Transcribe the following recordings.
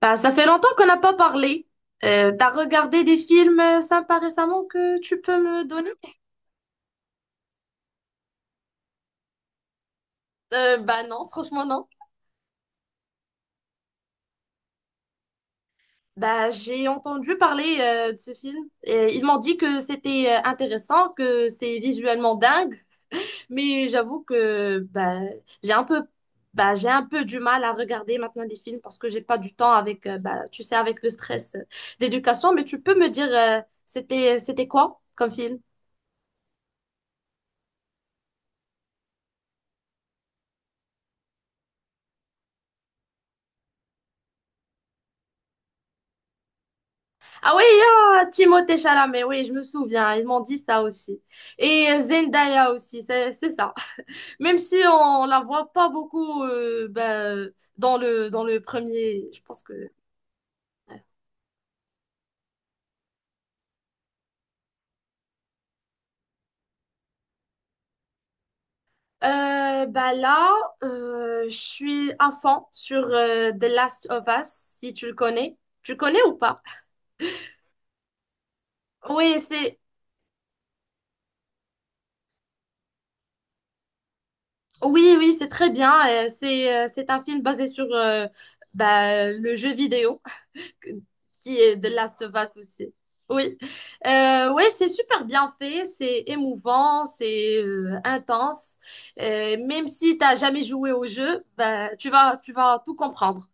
Bah, ça fait longtemps qu'on n'a pas parlé. T'as regardé des films sympas récemment que tu peux me donner? Bah non, franchement non. Bah j'ai entendu parler de ce film et ils m'ont dit que c'était intéressant, que c'est visuellement dingue, mais j'avoue que bah j'ai un peu j'ai un peu du mal à regarder maintenant des films parce que j'ai pas du temps avec bah tu sais avec le stress d'éducation, mais tu peux me dire c'était quoi comme film? Ah oui, ah, Timothée Chalamet, oui, je me souviens, ils m'ont dit ça aussi. Et Zendaya aussi, c'est ça. Même si on la voit pas beaucoup ben, dans le premier, je pense que ouais. Bah là, je suis à fond sur The Last of Us, si tu le connais. Tu le connais ou pas? Oui, c'est oui, oui, c'est très bien. C'est un film basé sur bah, le jeu vidéo, qui est The Last of Us aussi. Oui, ouais, c'est super bien fait, c'est émouvant, c'est intense. Même si t'as jamais joué au jeu, ben, tu vas tout comprendre.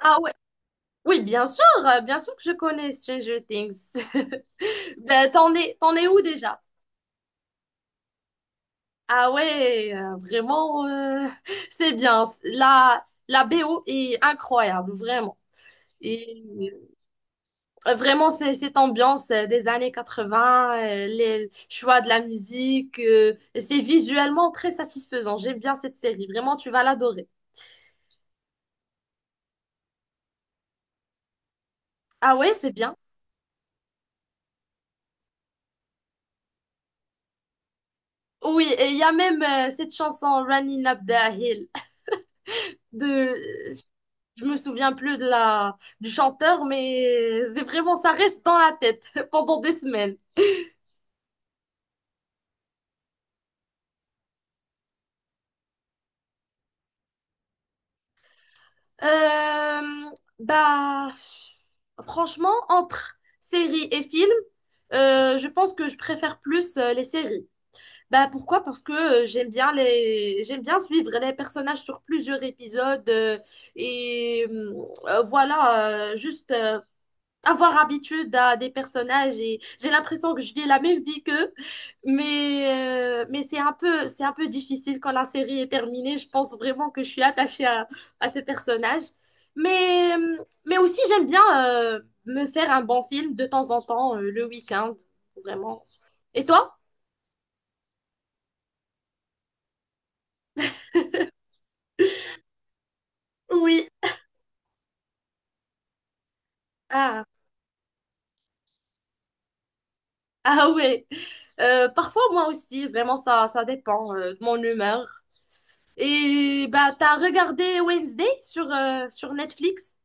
Ah ouais, oui, bien sûr que je connais Stranger Things. Ben, t'en es où déjà? Ah ouais, vraiment, c'est bien. La BO est incroyable, vraiment. Et vraiment, c'est cette ambiance des années 80, les choix de la musique, c'est visuellement très satisfaisant. J'aime bien cette série. Vraiment, tu vas l'adorer. Ah ouais, c'est bien. Oui, et il y a même cette chanson Running Up the Hill, de je me souviens plus de la du chanteur, mais c'est vraiment, ça reste dans la tête pendant des semaines. Euh, Bah, franchement, entre séries et films, je pense que je préfère plus les séries. Bah, pourquoi? Parce que j'aime bien j'aime bien suivre les personnages sur plusieurs épisodes et voilà, juste avoir habitude à des personnages et j'ai l'impression que je vis la même vie qu'eux. Mais c'est un peu difficile quand la série est terminée. Je pense vraiment que je suis attachée à ces personnages. Mais, mais aussi, j'aime bien euh, me faire un bon film de temps en temps, le week-end, vraiment. Et toi? Oui. Ah, ah ouais. Parfois, moi aussi, vraiment, ça dépend de mon humeur. Et bah, t'as regardé Wednesday sur Netflix?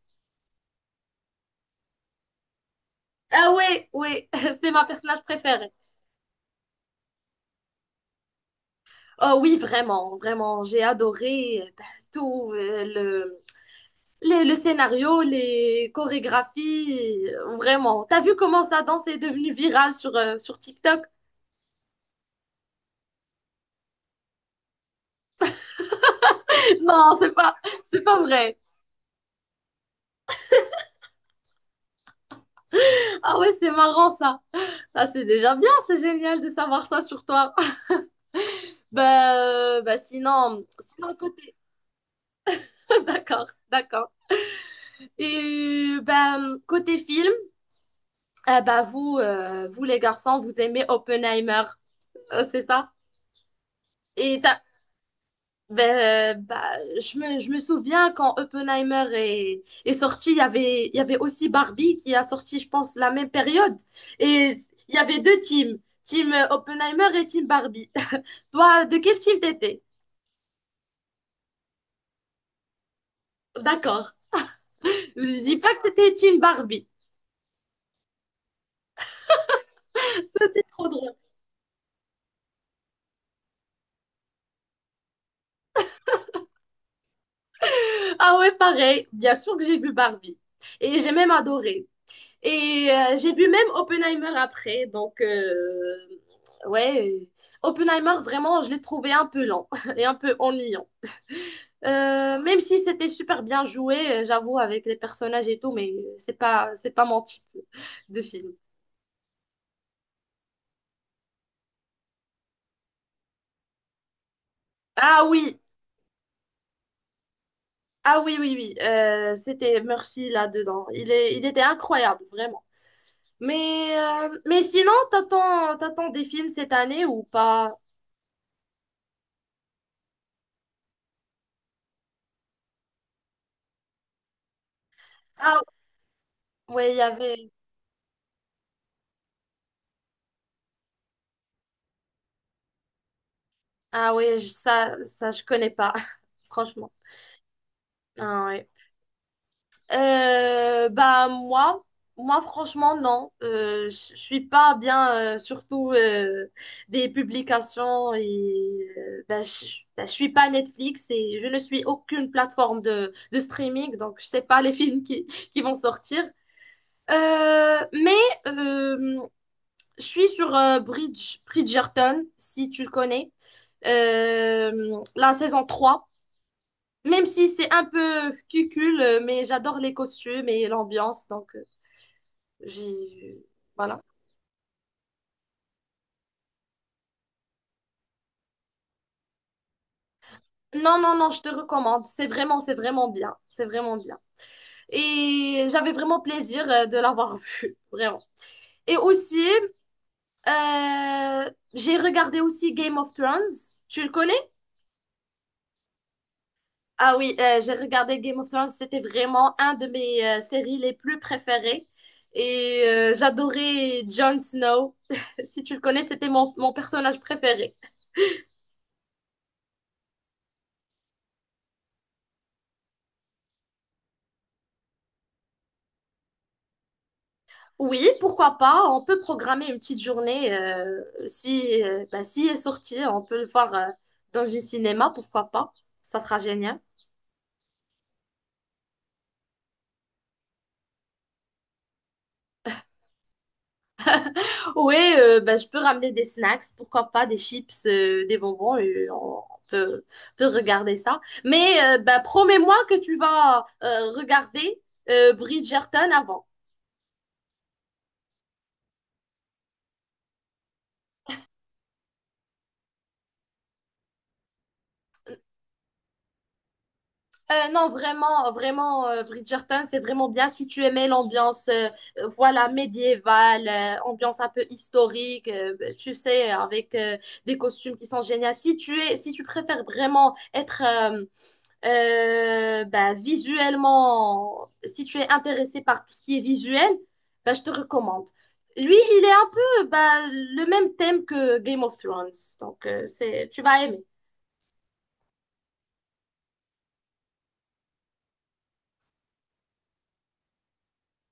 Ah oui, oui, c'est ma personnage préférée. Oh oui, vraiment, vraiment, j'ai adoré bah, tout le scénario, les chorégraphies, vraiment. T'as vu comment sa danse est devenue virale sur TikTok? Non, c'est pas vrai. Ah ouais, c'est marrant ça. Ah, c'est déjà bien, c'est génial de savoir ça sur toi. Bah, bah sinon côté. D'accord, d'accord. Et bah, côté film. Ah bah vous les garçons, vous aimez Oppenheimer, c'est ça? Et t'as- ben, bah, je me souviens quand Oppenheimer est sorti, il y avait aussi Barbie qui a sorti, je pense, la même période. Et il y avait deux teams, team Oppenheimer et team Barbie. Toi, de quel team t'étais? D'accord. Je dis pas que t'étais team Barbie. C'était trop drôle. Ah ouais, pareil. Bien sûr que j'ai vu Barbie. Et j'ai même adoré. Et j'ai vu même Oppenheimer après. Donc, ouais, Oppenheimer, vraiment, je l'ai trouvé un peu lent et un peu ennuyant. Même si c'était super bien joué, j'avoue, avec les personnages et tout, mais c'est pas mon type de film. Ah oui, ah oui, oui, oui, c'était Murphy là-dedans. Il était incroyable, vraiment. Mais sinon, t'attends des films cette année ou pas? Ah ouais, il y avait. Ah oui, ça, je connais pas, franchement. Ah ouais. Bah moi franchement non. Je suis pas bien, surtout des publications et bah, bah, je suis pas Netflix et je ne suis aucune plateforme de streaming, donc je sais pas les films qui vont sortir. Mais euh, je suis sur Bridgerton, si tu le connais. La saison 3. Même si c'est un peu cucul, mais j'adore les costumes et l'ambiance, donc j'y. Voilà. Non, non, non, je te recommande. C'est vraiment bien. C'est vraiment bien. Et j'avais vraiment plaisir de l'avoir vu, vraiment. Et aussi, j'ai regardé aussi Game of Thrones. Tu le connais? Ah oui, j'ai regardé Game of Thrones. C'était vraiment un de mes séries les plus préférées. Et j'adorais Jon Snow. Si tu le connais, c'était mon personnage préféré. Oui, pourquoi pas? On peut programmer une petite journée. Si, bah, si est sorti, on peut le voir dans un cinéma, pourquoi pas? Ça sera génial. Oui, bah, je peux ramener des snacks, pourquoi pas, des chips, des bonbons, et peut regarder ça. Mais bah, promets-moi que tu vas regarder Bridgerton avant. Non, vraiment, vraiment, Bridgerton, c'est vraiment bien si tu aimais l'ambiance, voilà, médiévale, ambiance un peu historique, bah, tu sais, avec des costumes qui sont géniaux. Si tu préfères vraiment être bah, visuellement, si tu es intéressé par tout ce qui est visuel, bah, je te recommande. Lui, il est un peu bah, le même thème que Game of Thrones, donc tu vas aimer.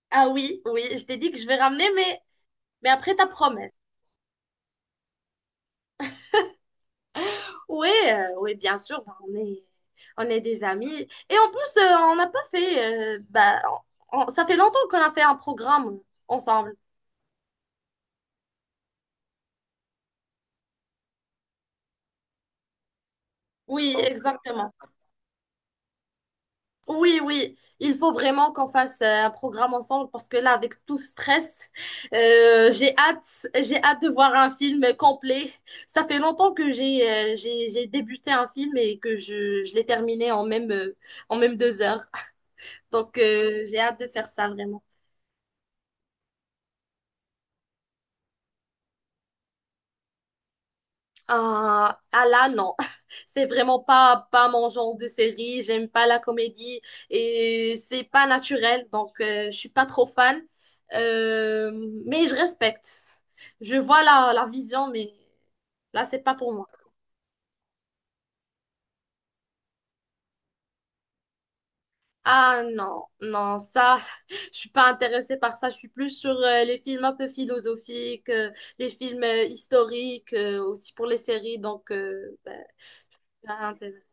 Ah oui, oui, je t'ai dit que je vais ramener, mais, après ta promesse. Oui, oui, bien sûr, bah, on est des amis. Et en plus, on n'a pas fait, bah, ça fait longtemps qu'on a fait un programme ensemble. Oui, exactement. Oui, oui, il faut vraiment qu'on fasse un programme ensemble parce que là, avec tout ce stress, j'ai hâte de voir un film complet. Ça fait longtemps que j'ai débuté un film et que je l'ai terminé en même 2 heures. Donc, j'ai hâte de faire ça vraiment. Ah, ah là, non. C'est vraiment pas mon genre de série. J'aime pas la comédie et c'est pas naturel. Donc, je suis pas trop fan. Euh, mais je respecte. Je vois la vision, mais là, c'est pas pour moi. Ah non, non, ça, je suis pas intéressée par ça. Je suis plus sur les films un peu philosophiques, les films historiques, aussi pour les séries. Donc, ben, pas intéressée.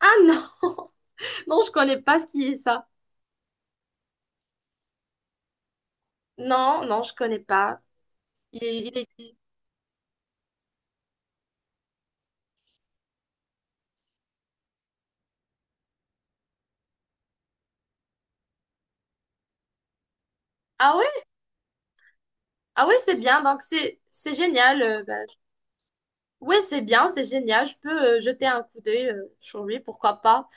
Ah non, non, je connais pas ce qui est ça. Non, non, je connais pas. Il est, il est. Ah ouais? Ah ouais, c'est bien. Donc, c'est génial. Bah, ouais, c'est bien, c'est génial. Je peux jeter un coup d'œil sur lui, pourquoi pas.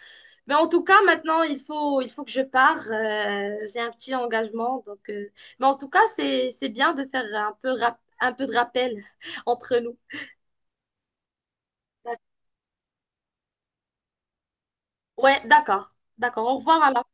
Mais en tout cas, maintenant, il faut que je pars. J'ai un petit engagement. Donc, mais en tout cas, c'est bien de faire un peu de rappel entre nous. Ouais, d'accord. D'accord. Au revoir.